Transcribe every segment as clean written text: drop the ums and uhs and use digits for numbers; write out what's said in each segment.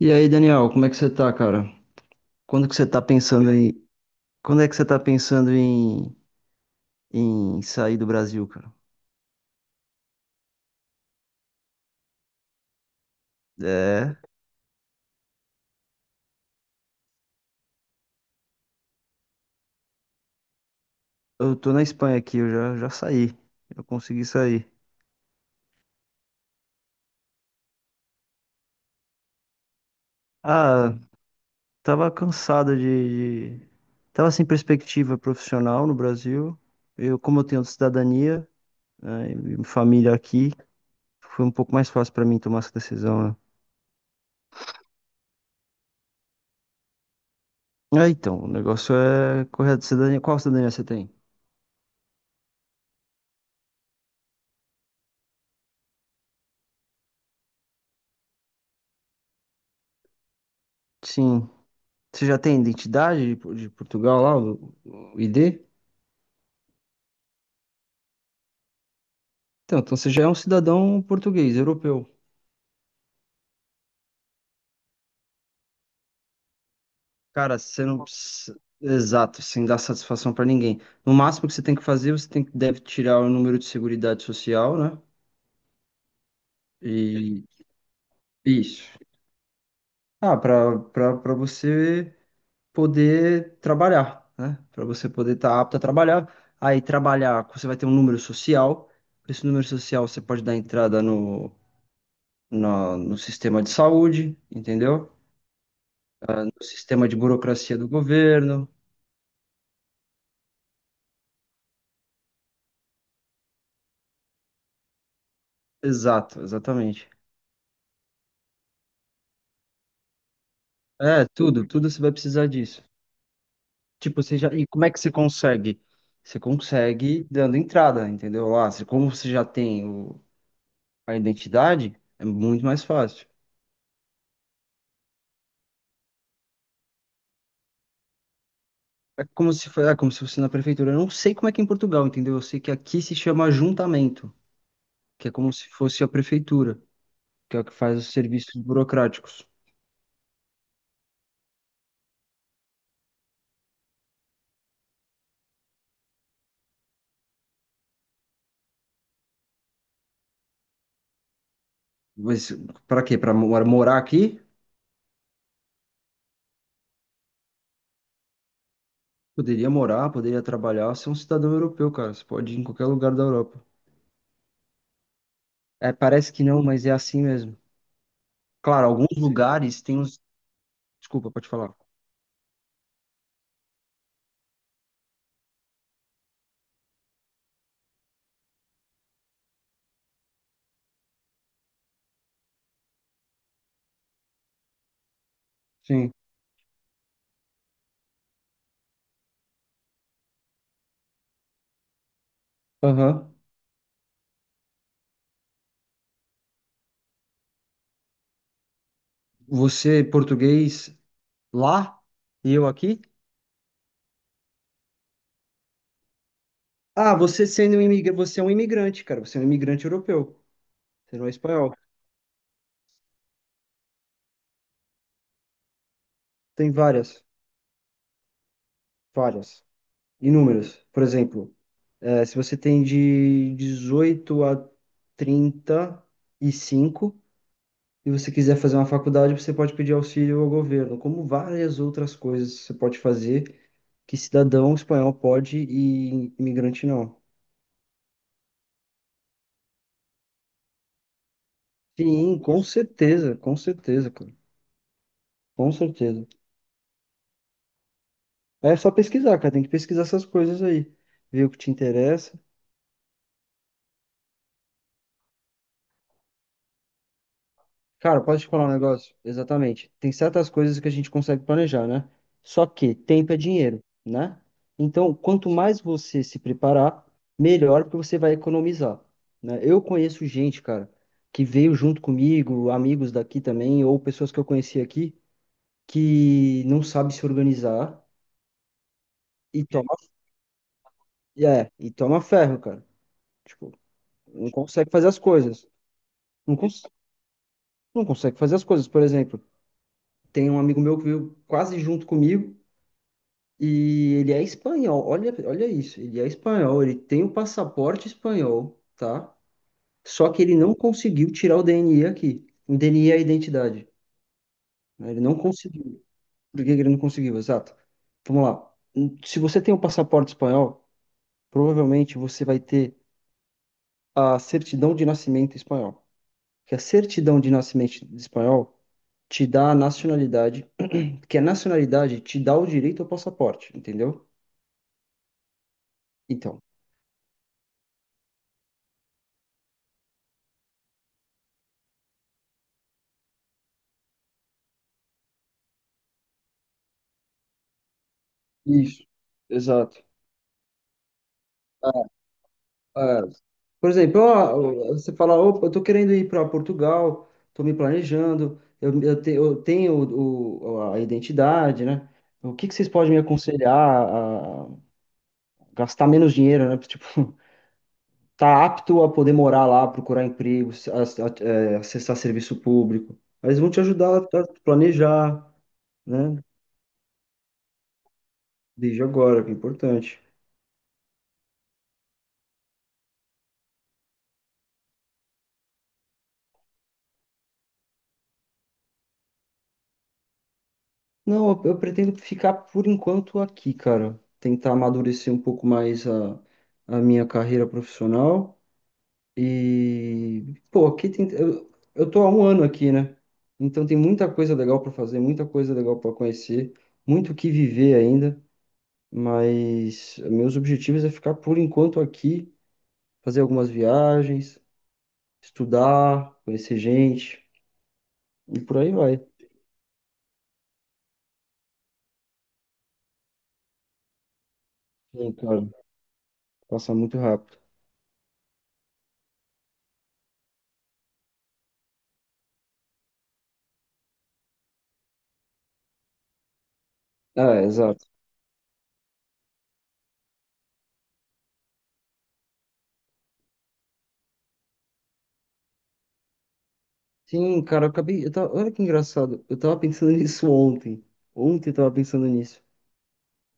E aí, Daniel, como é que você tá, cara? Quando que você tá pensando em... Quando é que você tá pensando em, em sair do Brasil, cara? É, eu tô na Espanha aqui, eu já saí. Eu consegui sair. Ah, tava cansado de... Tava sem perspectiva profissional no Brasil. Eu, como eu tenho cidadania, né, e família aqui, foi um pouco mais fácil pra mim tomar essa decisão, né? Ah, então, o negócio é correr de cidadania. Qual cidadania você tem? Sim. Você já tem identidade de Portugal lá, o ID? Então, então você já é um cidadão português, europeu. Cara, você não precisa... Exato, sem dar satisfação pra ninguém. No máximo que você tem que fazer, você tem que deve tirar o número de seguridade social, né? E isso. Ah, pra para para você poder trabalhar, né? Pra você poder estar apto a trabalhar. Aí trabalhar, você vai ter um número social. Com Esse número social você pode dar entrada no sistema de saúde, entendeu? O sistema de burocracia do governo. Exato, exatamente. É, tudo, tudo você vai precisar disso. Tipo, você já, e como é que você consegue? Você consegue dando entrada, entendeu? Ah, você, como você já tem a identidade, é muito mais fácil. É como se foi, é como se fosse na prefeitura. Eu não sei como é que é em Portugal, entendeu? Eu sei que aqui se chama ajuntamento, que é como se fosse a prefeitura, que é o que faz os serviços burocráticos. Mas para quê? Para morar aqui? Poderia morar, poderia trabalhar, ser um cidadão europeu, cara. Você pode ir em qualquer lugar da Europa. É, parece que não, mas é assim mesmo. Claro, alguns Sim. lugares têm uns. Desculpa, pode falar. Sim. Aham. Você, português lá e eu aqui? Ah, você sendo um imigrante, você é um imigrante, cara. Você é um imigrante europeu. Você não é espanhol. Tem várias, várias, inúmeras. Por exemplo, é, se você tem de 18 a trinta e cinco e você quiser fazer uma faculdade, você pode pedir auxílio ao governo, como várias outras coisas você pode fazer que cidadão espanhol pode e imigrante não. Sim, com certeza, cara. Com certeza. É só pesquisar, cara. Tem que pesquisar essas coisas aí. Ver o que te interessa. Cara, posso te falar um negócio? Exatamente. Tem certas coisas que a gente consegue planejar, né? Só que tempo é dinheiro, né? Então, quanto mais você se preparar, melhor, porque você vai economizar, né? Eu conheço gente, cara, que veio junto comigo, amigos daqui também, ou pessoas que eu conheci aqui, que não sabe se organizar e toma, e toma ferro, cara. Tipo, não consegue fazer as coisas. Não, cons não consegue fazer as coisas. Por exemplo, tem um amigo meu que veio quase junto comigo. E ele é espanhol, olha, olha isso, ele é espanhol, ele tem o passaporte espanhol, tá? Só que ele não conseguiu tirar o DNI aqui. O DNI é a identidade, né? Ele não conseguiu. Por que que ele não conseguiu? Exato. Vamos lá. Se você tem o passaporte espanhol, provavelmente você vai ter a certidão de nascimento espanhol. Que a certidão de nascimento espanhol te dá a nacionalidade, que a nacionalidade te dá o direito ao passaporte, entendeu? Então, isso, exato. É, por exemplo, ó, você fala, opa, eu tô querendo ir para Portugal, tô me planejando, eu tenho a identidade, né? O que que vocês podem me aconselhar a gastar menos dinheiro, né? Tipo, tá apto a poder morar lá, procurar emprego, acessar serviço público. Mas vão te ajudar a planejar, né? Desde agora, que é importante. Não, eu pretendo ficar por enquanto aqui, cara. Tentar amadurecer um pouco mais a minha carreira profissional. E, pô, aqui tem. Eu tô há um ano aqui, né? Então tem muita coisa legal pra fazer, muita coisa legal pra conhecer, muito o que viver ainda. Mas meus objetivos é ficar por enquanto aqui, fazer algumas viagens, estudar, conhecer gente, e por aí vai. Sim, cara, passa muito rápido. Ah, exato. Sim, cara, eu acabei. Eu tava, olha que engraçado. Eu tava pensando nisso ontem. Ontem eu tava pensando nisso.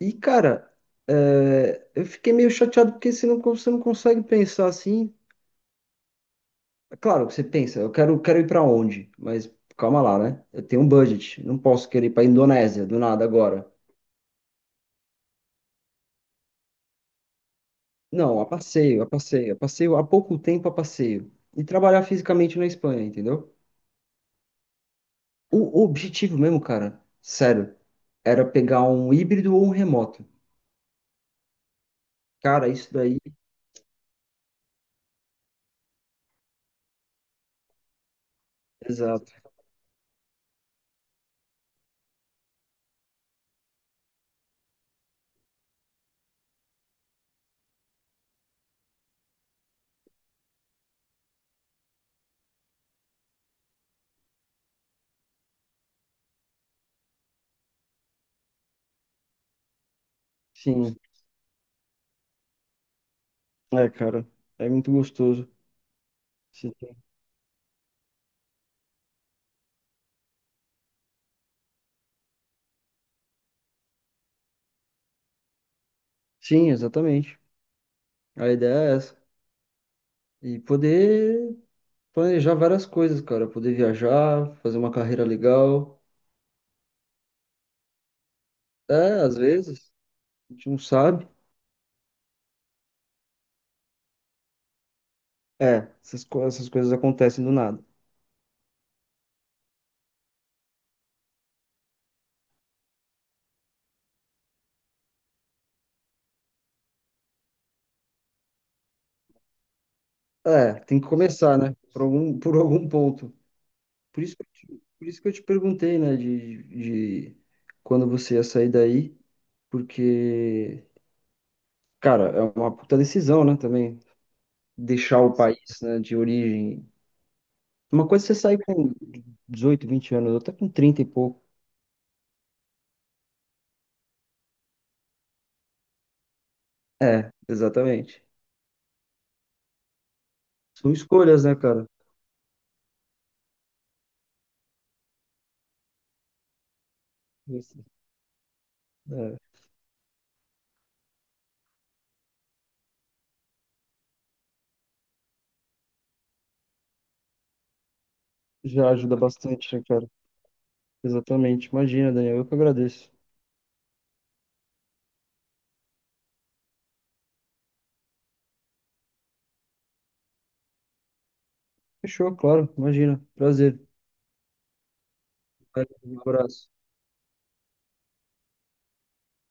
E, cara, é, eu fiquei meio chateado porque você não consegue pensar assim. Claro, você pensa, eu quero, quero ir pra onde? Mas calma lá, né? Eu tenho um budget. Não posso querer ir pra Indonésia do nada agora. Não, a passeio, a passeio, a passeio, há pouco tempo a passeio. E trabalhar fisicamente na Espanha, entendeu? O objetivo mesmo, cara, sério, era pegar um híbrido ou um remoto. Cara, isso daí exato. Sim. É, cara. É muito gostoso. Sim, Sim, exatamente. A ideia é essa. E poder planejar várias coisas, cara. Poder viajar, fazer uma carreira legal. É, às vezes, a gente não sabe. É, essas coisas acontecem do nada. É, tem que começar, né? Por algum, por algum ponto. Por isso que eu te perguntei, né? De quando você ia sair daí. Porque, cara, é uma puta decisão, né? Também. Deixar o país, né, de origem. Uma coisa é você sair com 18 20 anos, outra com trinta e pouco. É, exatamente. São escolhas, né, cara? Isso, é, já ajuda bastante, né, cara? Exatamente. Imagina, Daniel, eu que agradeço. Fechou, claro, imagina. Prazer. Valeu, um abraço.